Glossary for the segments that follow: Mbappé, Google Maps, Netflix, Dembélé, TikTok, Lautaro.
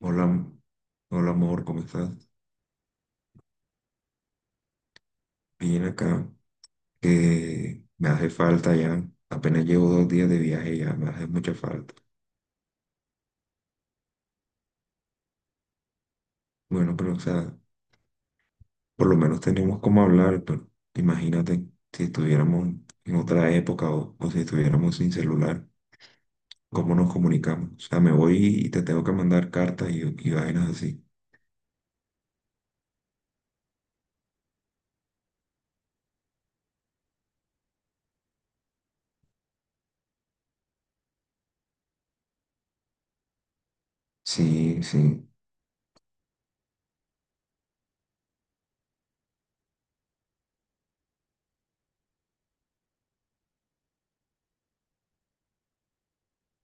Hola, hola amor, ¿cómo estás? Bien acá, que me hace falta ya. Apenas llevo dos días de viaje y ya, me hace mucha falta. Bueno, pero o sea, por lo menos tenemos como hablar, pero imagínate si estuviéramos en otra época o si estuviéramos sin celular, ¿cómo nos comunicamos? O sea, me voy y te tengo que mandar cartas y vainas así. Sí, sí.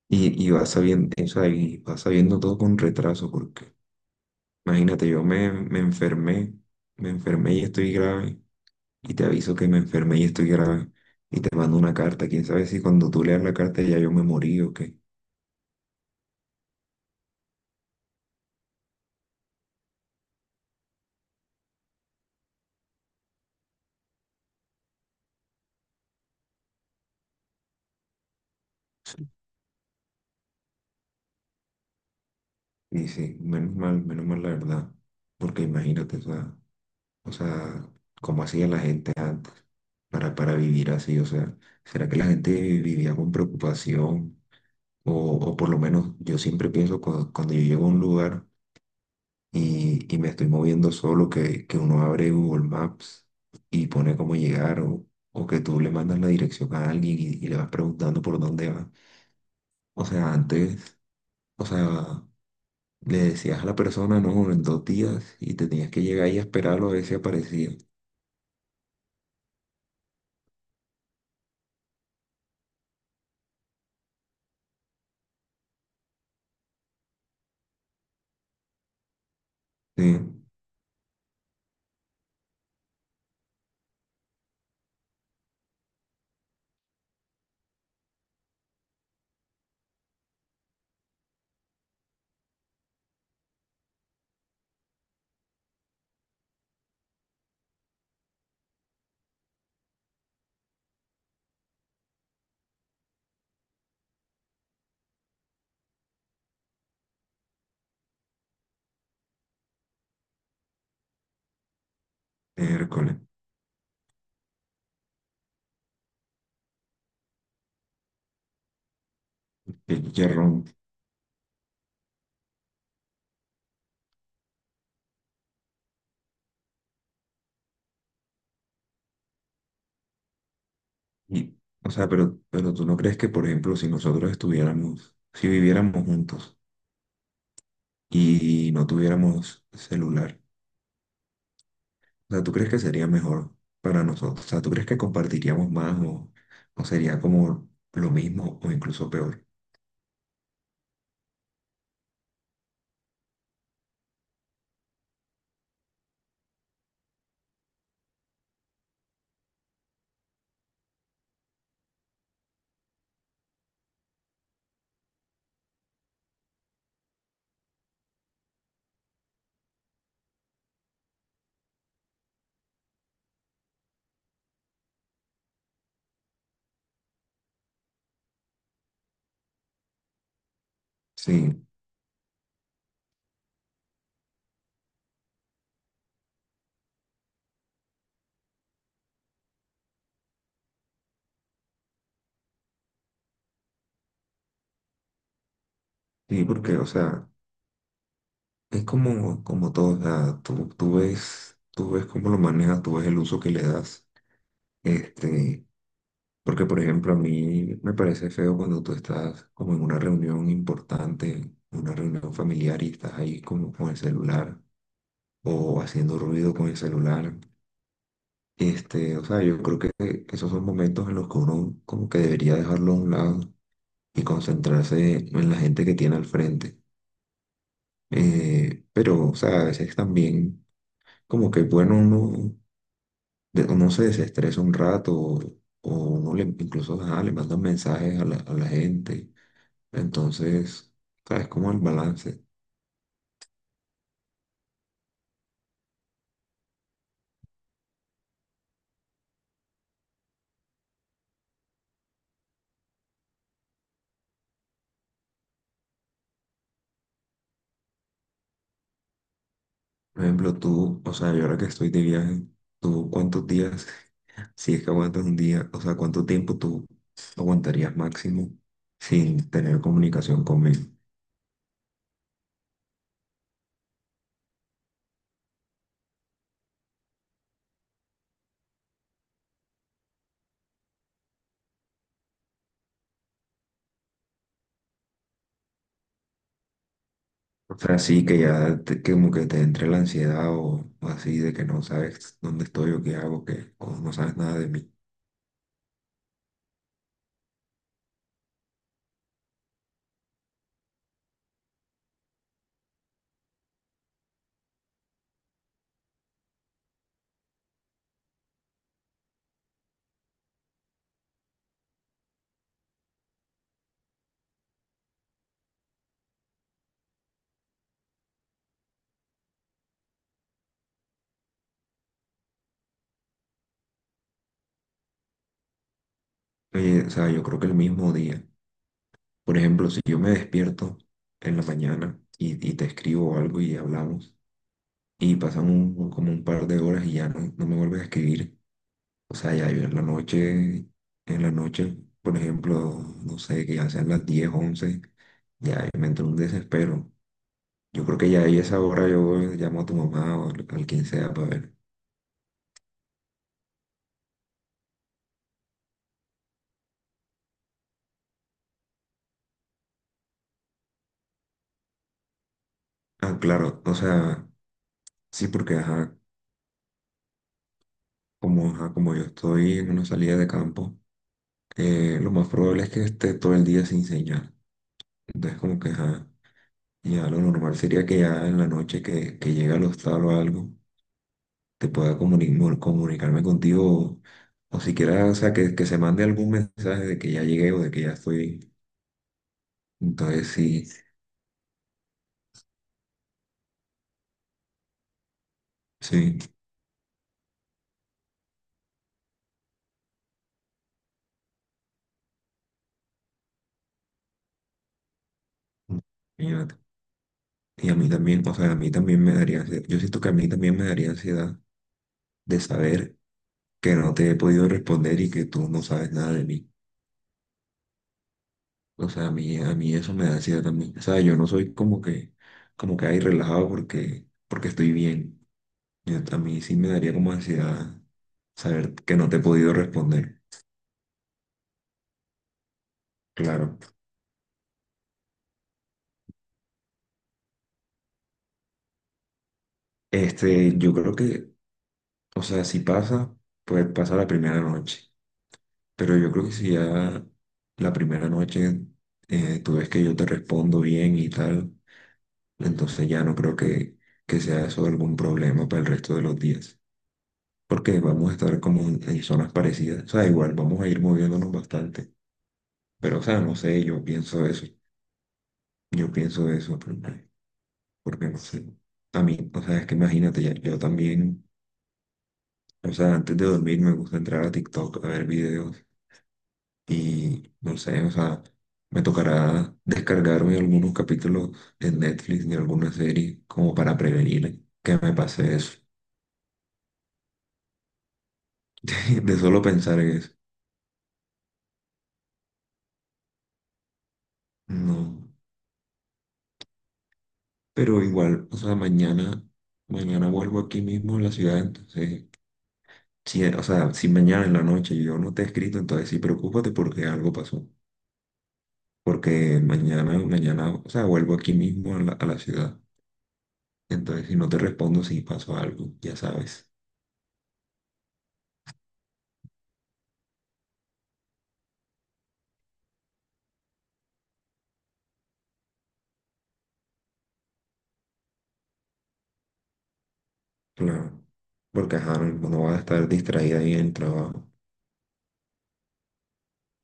Y vas sabiendo, o sea, y vas sabiendo todo con retraso, porque imagínate, me enfermé y estoy grave, y te aviso que me enfermé y estoy grave, y te mando una carta. Quién sabe si cuando tú leas la carta ya yo me morí o qué. Y sí, menos mal la verdad, porque imagínate, o sea, cómo hacía la gente antes para vivir así, o sea, ¿será que la gente vivía con preocupación? O, o por lo menos yo siempre pienso cuando, yo llego a un lugar y me estoy moviendo solo, que uno abre Google Maps y pone cómo llegar o que tú le mandas la dirección a alguien y le vas preguntando por dónde va. O sea, antes, o sea, le decías a la persona, no, en dos días y te tenías que llegar y esperarlo a ver si aparecía. Sí, miércoles, qué chicharrón. Y, o sea, pero tú no crees que, por ejemplo, si nosotros estuviéramos, si viviéramos juntos y no tuviéramos celular, o sea, ¿tú crees que sería mejor para nosotros? O sea, ¿tú crees que compartiríamos más o sería como lo mismo o incluso peor? Sí, sí, porque, o sea, es como, como todo, o sea, tú, tú ves cómo lo manejas, tú ves el uso que le das. Este, porque, por ejemplo, a mí me parece feo cuando tú estás como en una reunión importante, una reunión familiar y estás ahí como con el celular o haciendo ruido con el celular. Este, o sea, yo creo que esos son momentos en los que uno como que debería dejarlo a un lado y concentrarse en la gente que tiene al frente. Pero, o sea, a veces también como que bueno uno, uno se desestresa un rato o uno le, incluso ajá, le manda mensajes a a la gente. Entonces, o sea, es como el balance. Por ejemplo, tú, o sea, yo ahora que estoy de viaje, ¿tú cuántos días si es que aguantas un día, o sea, ¿cuánto tiempo tú aguantarías máximo sin tener comunicación conmigo? O sea, sí que ya que como que te entre la ansiedad o así de que no sabes dónde estoy o qué hago, que o no sabes nada de mí. Oye, o sea, yo creo que el mismo día, por ejemplo, si yo me despierto en la mañana y te escribo algo y hablamos y pasan como un par de horas y ya no, no me vuelves a escribir. O sea, ya yo en la noche, por ejemplo, no sé, que ya sean las 10 11 ya me entró un desespero. Yo creo que ya ahí a esa hora yo llamo a tu mamá o al quien sea para ver. Ah, claro, o sea, sí, porque ajá, como yo estoy en una salida de campo, lo más probable es que esté todo el día sin señal. Entonces, como que ajá, ya lo normal sería que ya en la noche que llegue al hostal o algo que pueda comunicarme contigo o siquiera, o sea, que se mande algún mensaje de que ya llegué o de que ya estoy. Entonces, sí, sí, imagínate. Y a mí también, o sea, a mí también me daría ansiedad. Yo siento que a mí también me daría ansiedad de saber que no te he podido responder y que tú no sabes nada de mí. O sea, a mí eso me da ansiedad también. O sea, yo no soy como que ahí relajado porque, porque estoy bien. A mí sí me daría como ansiedad saber que no te he podido responder. Claro. Este, yo creo que, o sea, si pasa, pues pasa la primera noche. Pero yo creo que si ya la primera noche tú ves que yo te respondo bien y tal, entonces ya no creo que sea eso algún problema para el resto de los días. Porque vamos a estar como en zonas parecidas. O sea, igual vamos a ir moviéndonos bastante. Pero, o sea, no sé, yo pienso eso. Yo pienso eso, pero, porque no sé. A mí, o sea, es que imagínate, ya, yo también. O sea, antes de dormir me gusta entrar a TikTok a ver videos y no sé, o sea, me tocará descargarme algunos capítulos de Netflix de alguna serie como para prevenir que me pase eso. De solo pensar en eso. No, pero igual, o sea, mañana, mañana vuelvo aquí mismo en la ciudad, entonces, si, o sea, si mañana en la noche yo no te he escrito, entonces sí, preocúpate porque algo pasó. Porque mañana, mañana, o sea, vuelvo aquí mismo a la ciudad. Entonces, si no te respondo, si pasó algo, ya sabes. Claro. Porque, ajá, no, no vas a estar distraída ahí en el trabajo.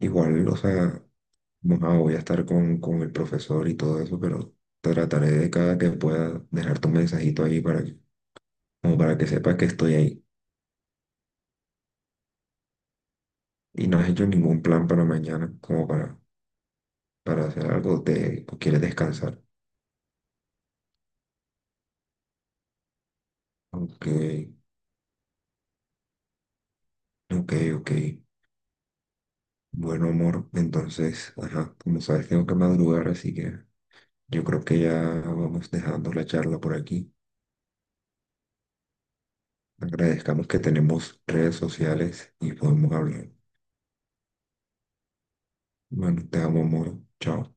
Igual, o sea, bueno, voy a estar con el profesor y todo eso, pero trataré de cada que pueda dejar tu mensajito ahí para que, como para que sepas que estoy ahí. Y no has hecho ningún plan para mañana, como para hacer algo, te, o quieres descansar. Ok, ok, ok. Bueno, amor, entonces, ajá, como sabes, tengo que madrugar, así que yo creo que ya vamos dejando la charla por aquí. Agradezcamos que tenemos redes sociales y podemos hablar. Bueno, te amo, amor. Chao.